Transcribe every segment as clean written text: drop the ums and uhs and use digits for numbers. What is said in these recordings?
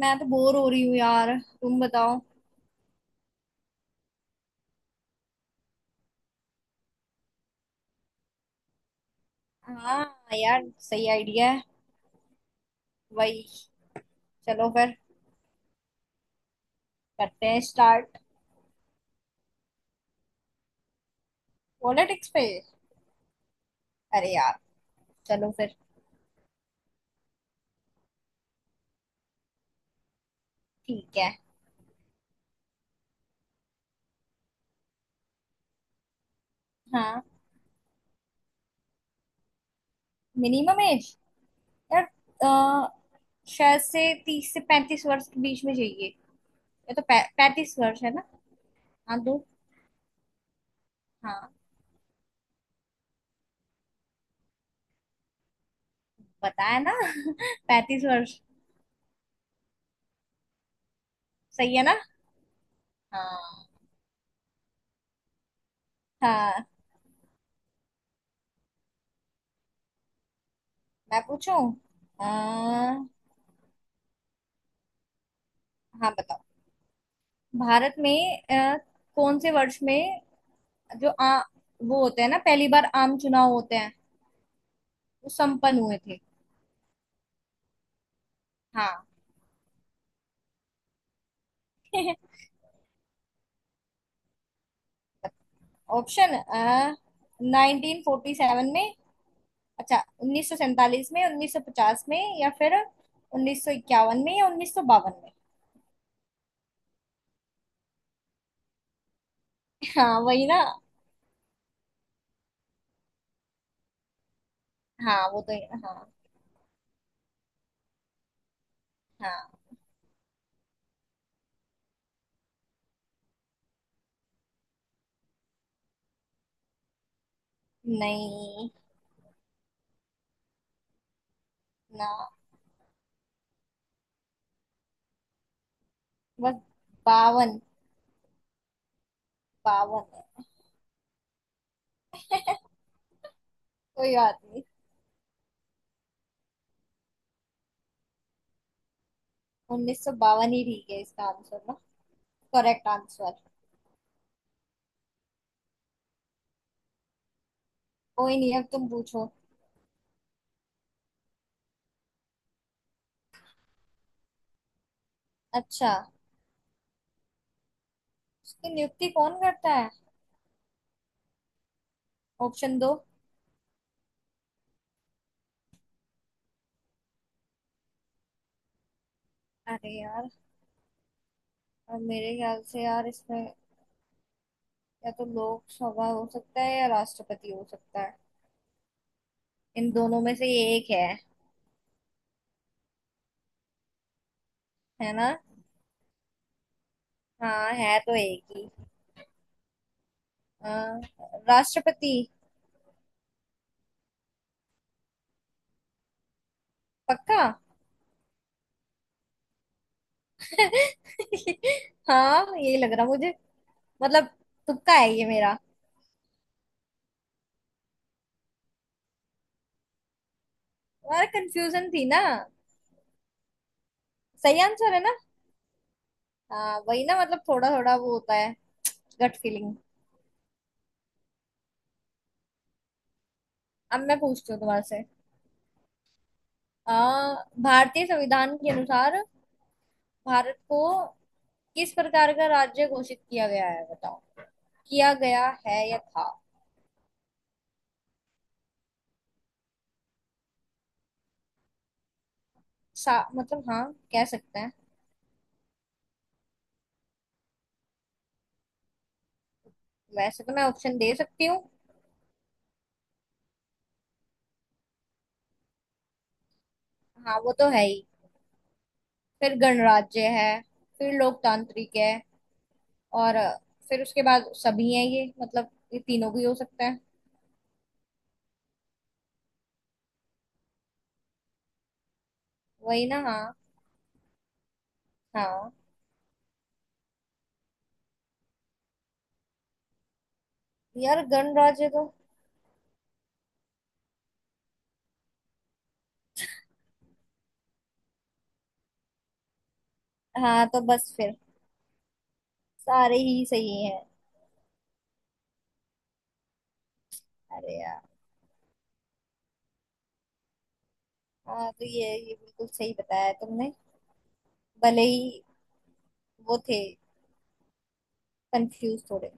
मैं तो बोर हो रही हूँ यार। तुम बताओ। हाँ यार, सही आइडिया है। वही। चलो फिर करते हैं स्टार्ट। पॉलिटिक्स पे? अरे यार, चलो फिर। ठीक है। हाँ। Minimum age. यार, अ, शायद से 30 से 35 वर्ष के बीच में चाहिए। ये तो पैंतीस वर्ष है ना। हाँ, दो। हाँ, बताया ना। 35 वर्ष। सही है ना। हाँ। हाँ। मैं पूछूं? हाँ, बताओ। भारत में कौन से वर्ष में, जो वो होते हैं ना पहली बार आम चुनाव होते हैं, वो संपन्न हुए थे। हाँ। ऑप्शन। 1947 में। अच्छा। 1947 में, 1950 में, या फिर 1951 में, या उन्नीस सौ बावन में। हाँ, वही ना। हाँ, वो तो। हाँ। हाँ। नहीं। ना। बस। बावन। बावन है। कोई बात नहीं। 1952 ही ठीक है इसका आंसर ना। Correct answer. कोई नहीं, अब तुम पूछो। अच्छा। इसकी नियुक्ति कौन करता है? ऑप्शन दो। अरे यार, अब मेरे ख्याल से यार इसमें या तो लोकसभा हो सकता है या राष्ट्रपति हो सकता है। इन दोनों में से ये एक है। है ना। हाँ, है तो एक ही। अ, राष्ट्रपति। पक्का। हाँ, यही लग रहा मुझे। मतलब, तुक्का है ये मेरा। तुम्हारा कंफ्यूजन थी ना। सही आंसर है ना। हाँ, वही ना। मतलब थोड़ा थोड़ा वो होता है, गट फीलिंग। अब मैं पूछती हूँ तुम्हारे से। आ, भारतीय संविधान के अनुसार भारत को किस प्रकार का राज्य घोषित किया गया है, बताओ। किया गया है या था? मतलब हाँ, कह सकते हैं। वैसे तो मैं ऑप्शन दे सकती हूँ। हाँ, वो तो है ही। फिर गणराज्य है, फिर लोकतांत्रिक है, और फिर उसके बाद सभी हैं। ये मतलब ये तीनों भी हो सकते हैं। वही ना। हाँ। हाँ यार, गणराज्य तो। हाँ, तो बस फिर सारे ही सही हैं। अरे यार। हाँ, तो ये बिल्कुल सही बताया तुमने। भले ही वो थे कंफ्यूज थोड़े।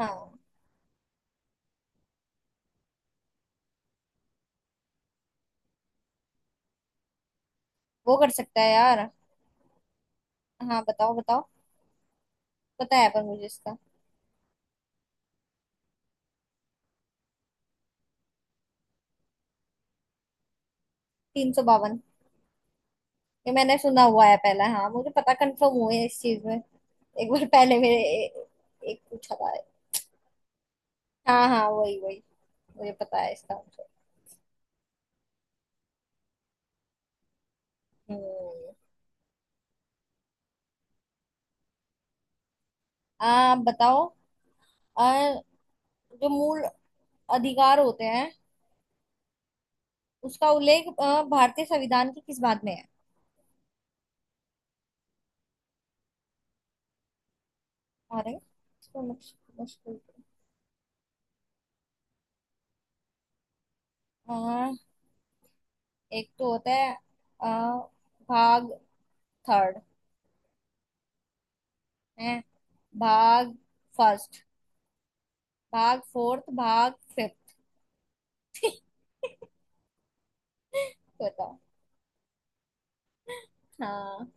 हाँ, वो कर सकता है यार। हाँ, बताओ बताओ। पता है, पर मुझे इसका। 352। ये मैंने सुना हुआ है, पहला हाँ, मुझे पता कंफर्म हुए है इस चीज में। एक बार पहले एक पूछा था। हाँ हाँ, वही वही। मुझे पता है इसका आंसर। हम्म। हाँ, आप बताओ। अ, जो मूल अधिकार होते हैं, उसका उल्लेख भारतीय संविधान की किस बात में है? अरे, इसको मुश्किल? हाँ, एक तो होता है अ, भाग थर्ड है, भाग फर्स्ट, भाग फोर्थ, भाग फिफ्थ। बताओ। हाँ।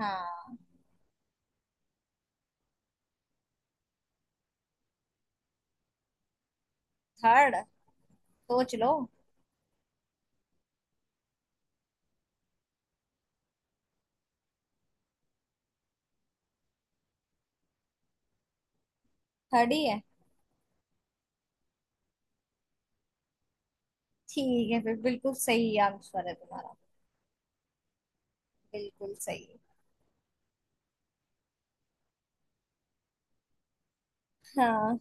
हाँ। थर्ड। सोच लो। थर्ड ही है। ठीक है फिर, बिल्कुल सही आंसर है तुम्हारा। बिल्कुल सही। हाँ।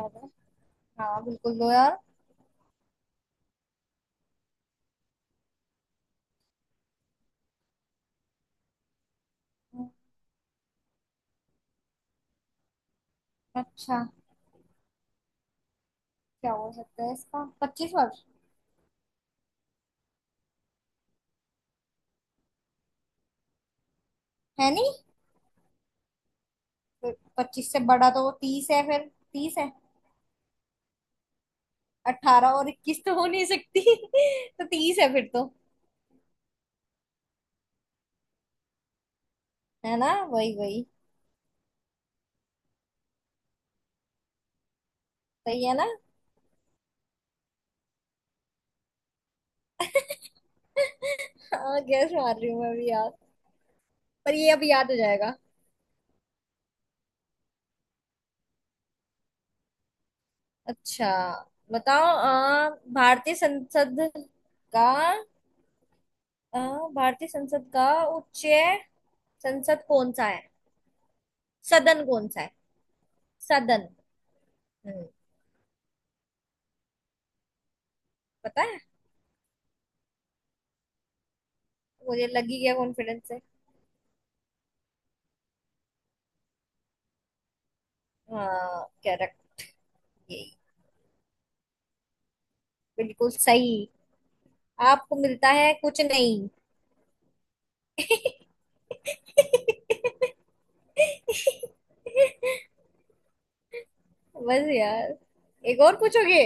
अरे, हाँ बिल्कुल दो यार। अच्छा, क्या हो सकता है इसका? 25 वर्ष? है नहीं? फिर पच्चीस से बड़ा तो तीस है फिर। तीस है। अठारह और इक्कीस तो हो नहीं सकती। तो तीस है फिर तो। है ना, वही वही। सही है ना। हाँ, गैस मार रही हूँ मैं भी यार। पर ये अभी याद हो जाएगा। अच्छा, बताओ। भारतीय संसद का अ, भारतीय संसद का उच्च संसद कौन सा है? सदन कौन सा है? सदन। हम्म। पता है। मुझे लगी गया कॉन्फिडेंस से। हाँ, करेक्ट। यही। बिल्कुल सही। आपको मिलता है कुछ नहीं। बस यार, एक और पूछोगे?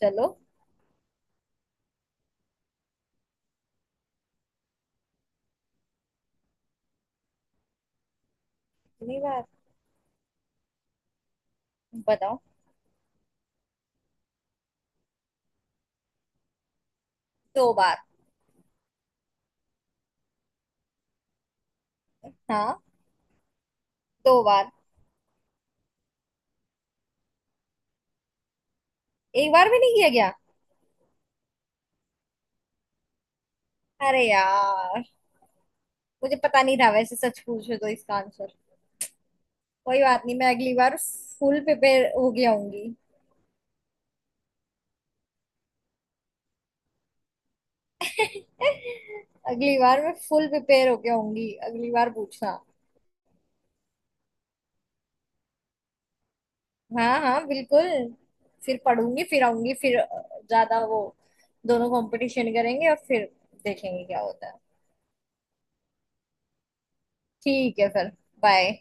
चलो। कितनी बार? बताओ। दो बार। हाँ, दो बार। एक बार भी नहीं किया गया? अरे यार, मुझे पता नहीं था वैसे, सच पूछो तो इसका आंसर। कोई बात नहीं, मैं अगली बार फुल प्रिपेयर हो गया होंगी। अगली बार मैं फुल प्रिपेयर हो गया होंगी, अगली बार पूछना। हाँ हाँ, बिल्कुल। फिर पढ़ूंगी, फिर आऊंगी, फिर ज्यादा वो, दोनों कंपटीशन करेंगे और फिर देखेंगे क्या होता है। ठीक है फिर। बाय।